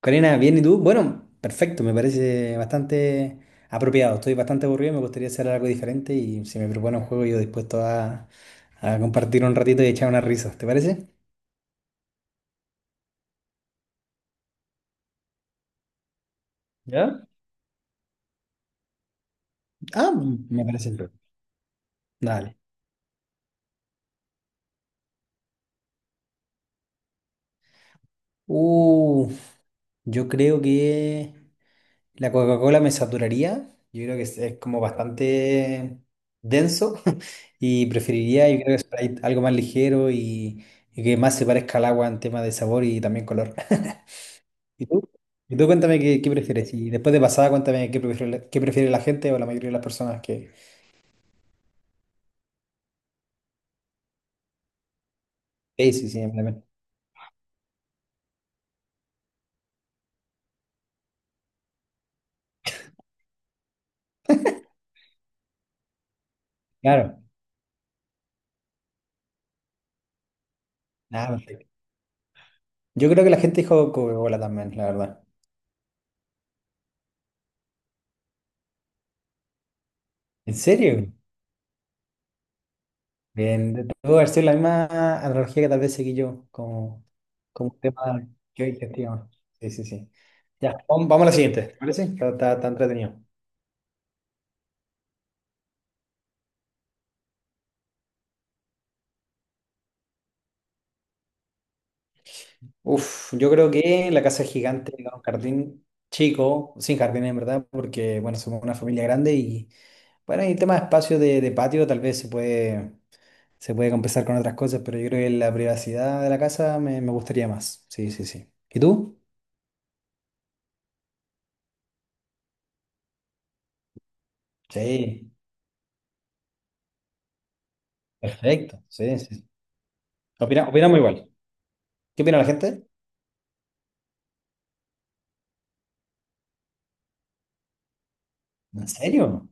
Karina, bien, ¿y tú? Bueno, perfecto, me parece bastante apropiado. Estoy bastante aburrido, me gustaría hacer algo diferente y si me propone un juego, yo dispuesto a compartir un ratito y echar unas risas, ¿te parece? ¿Ya? Ah, mm, me parece bien. Dale. Uh, yo creo que la Coca-Cola me saturaría. Yo creo que es como bastante denso y preferiría, yo creo que Sprite, algo más ligero y que más se parezca al agua en tema de sabor y también color. Y tú, y tú cuéntame qué prefieres. Y después de pasada, cuéntame qué prefiere, qué prefiere la gente o la mayoría de las personas que... Sí, sí, sí, también. Claro. Nada, perfecto. Yo creo que la gente dijo Coca-Cola también, la verdad. ¿En serio? Bien, debo haber sido la misma analogía que tal vez seguí yo, como un tema que hoy gestión. Sí, sí, sí. Ya, vamos a la siguiente, ¿te parece? Está entretenido. Uf, yo creo que la casa es gigante, era un jardín chico, sin jardín en verdad, porque, bueno, somos una familia grande y... Bueno, y el tema de espacio de patio tal vez se puede compensar con otras cosas, pero yo creo que la privacidad de la casa me gustaría más. Sí, sí, sí. ¿Y tú? Sí, perfecto. Sí, sí. sí. Opinamos igual. ¿Qué opina la gente? ¿En serio?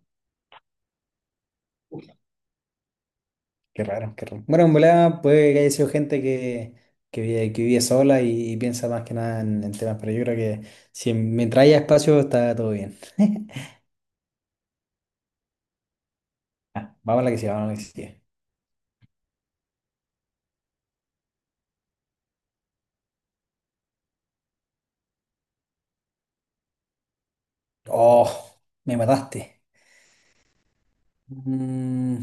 Qué raro, qué raro. Bueno, en volada puede que haya sido gente que vive, que vive sola y piensa más que nada en, en temas, pero yo creo que si mientras haya espacio está todo bien. Ah, vamos a la que sigue, vamos a la que sigue. Oh, me mataste. Mm,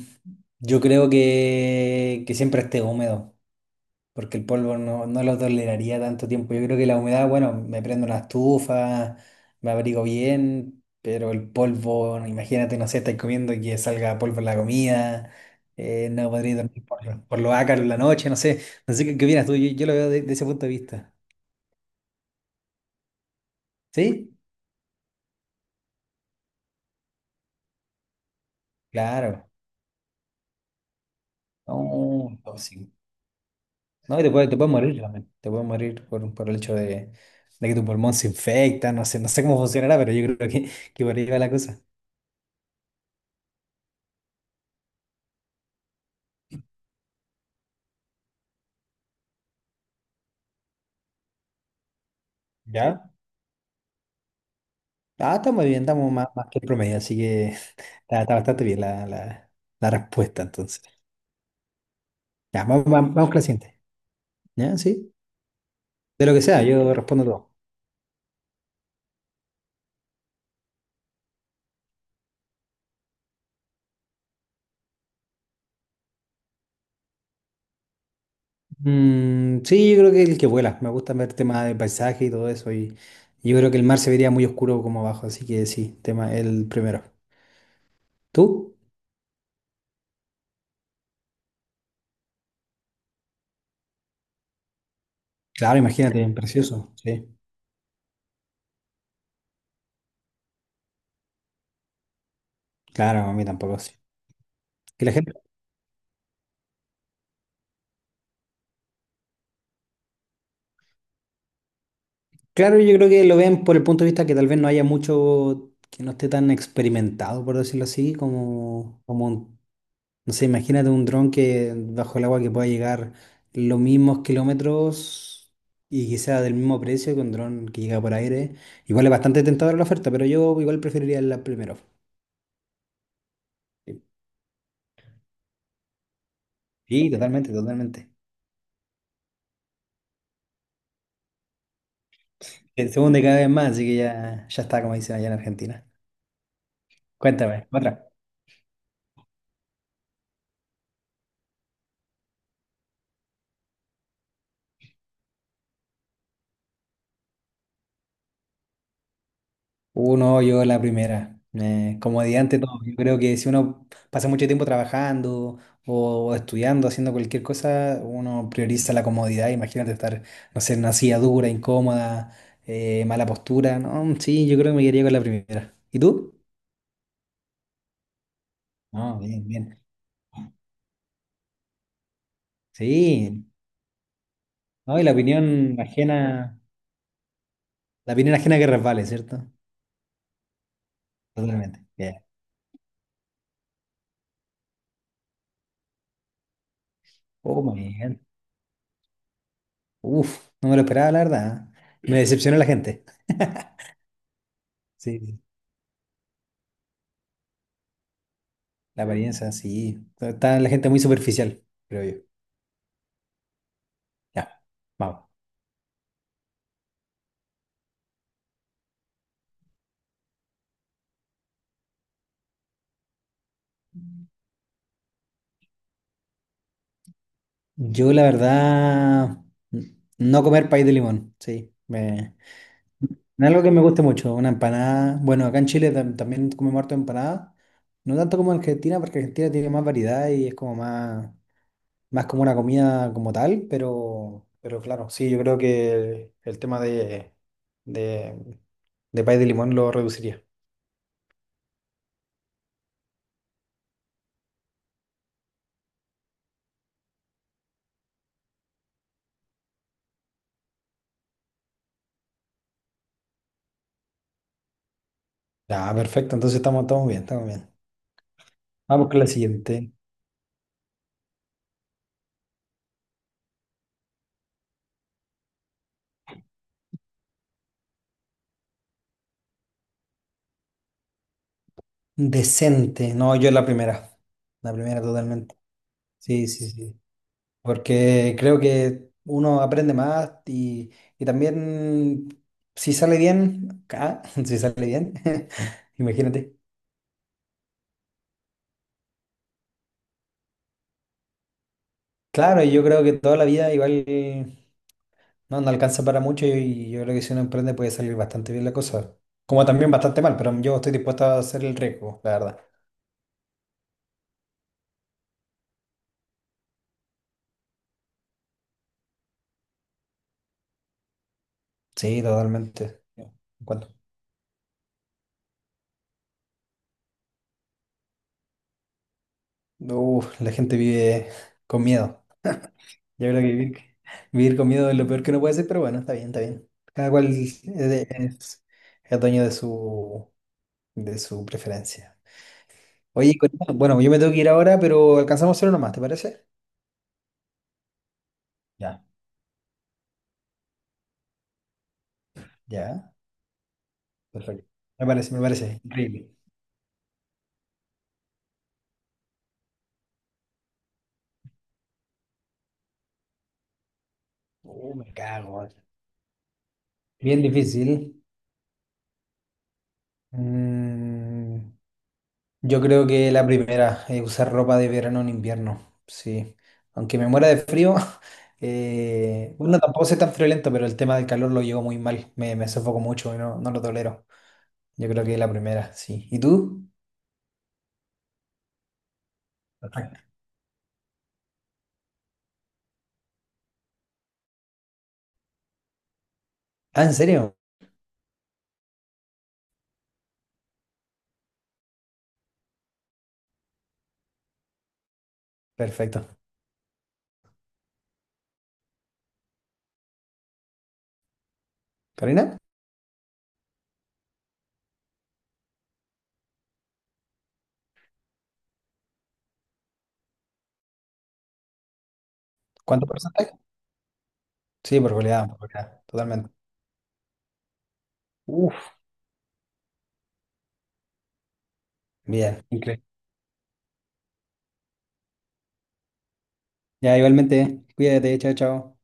yo creo que siempre esté húmedo, porque el polvo no lo toleraría tanto tiempo. Yo creo que la humedad, bueno, me prendo una estufa, me abrigo bien, pero el polvo, bueno, imagínate, no sé, estáis comiendo y que salga polvo en la comida, no podría dormir por los ácaros en la noche, no sé, no sé qué, qué opinas tú, yo lo veo de ese punto de vista. ¿Sí? Claro. No, tóxico. No, y te puedes morir también. Te puedes morir por el hecho de que tu pulmón se infecta. No sé, no sé cómo funcionará, pero yo creo que por ahí va la cosa. ¿Ya? Ah, está muy bien, estamos más, más que el promedio, así que está, está bastante bien la respuesta entonces. Ya, vamos, vamos, vamos con la siguiente. ¿Ya? ¿Sí? De lo que sea, yo respondo todo. Mm, sí, yo creo que el que vuela. Me gusta ver temas de paisaje y todo eso. Y yo creo que el mar se vería muy oscuro como abajo, así que sí, tema el primero. ¿Tú? Claro, imagínate, precioso. Sí. Claro, a mí tampoco sí. Que la gente, claro, yo creo que lo ven por el punto de vista que tal vez no haya mucho, que no esté tan experimentado, por decirlo así, como un- no sé, imagínate un dron que bajo el agua que pueda llegar los mismos kilómetros y que sea del mismo precio que un dron que llega por aire. Igual es bastante tentadora la oferta, pero yo igual preferiría la primera. Sí, sí, totalmente, totalmente. El segundo cada vez más, así que ya, ya está, como dicen allá en Argentina. Cuéntame, otra. Uno, yo la primera. Como dije antes, todo. Yo creo que si uno pasa mucho tiempo trabajando o estudiando, haciendo cualquier cosa, uno prioriza la comodidad. Imagínate estar, no sé, en una silla dura, incómoda, mala postura. No, sí, yo creo que me quedaría con la primera. ¿Y tú? No, bien, bien. Sí. No, y la opinión ajena que resbale, ¿cierto? Totalmente. Bien. Oh, muy bien. Uf, no me lo esperaba, la verdad. ¿Eh? Me decepcionó la gente. Sí. La apariencia, sí. Está la gente muy superficial, creo yo. Ya, vamos. Yo, la verdad, no comer pay de limón, sí. Me... No. Es algo que me gusta mucho, una empanada. Bueno, acá en Chile también comemos harto empanada. No tanto como en Argentina, porque Argentina tiene más variedad y es como más, más como una comida como tal, pero claro, sí, yo creo que el tema de, de pay de limón lo reduciría. Ya, perfecto, entonces estamos, estamos bien, estamos bien. Vamos con la siguiente. Decente. No, yo la primera. La primera totalmente. Sí, sí, sí. Porque creo que uno aprende más y también si sale bien, ah, si sale bien, imagínate. Claro, y yo creo que toda la vida igual no, no alcanza para mucho y yo creo que si uno emprende puede salir bastante bien la cosa. Como también bastante mal, pero yo estoy dispuesto a hacer el riesgo, la verdad. Sí, totalmente. ¿En cuanto? Uf, la gente vive con miedo. Yo creo que vivir, vivir con miedo es lo peor que uno puede hacer, pero bueno, está bien, está bien. Cada cual es, es dueño de su preferencia. Oye, Corina, bueno, yo me tengo que ir ahora, pero alcanzamos solo nomás, ¿te parece? Ya, ya, perfecto. Me parece, me parece. Increíble. Me cago. Bien difícil. Mm, yo creo que la primera, usar ropa de verano en invierno, sí. Aunque me muera de frío, bueno, tampoco soy tan friolento, pero el tema del calor lo llevo muy mal, me sofoco mucho y no, no lo tolero. Yo creo que la primera, sí. ¿Y tú? Perfecto. Ah, ¿en serio? Perfecto. ¿Karina? ¿Cuánto porcentaje? Sí, por goleada, totalmente. Uf, bien, increíble. Ya, igualmente, cuídate, chao, chao.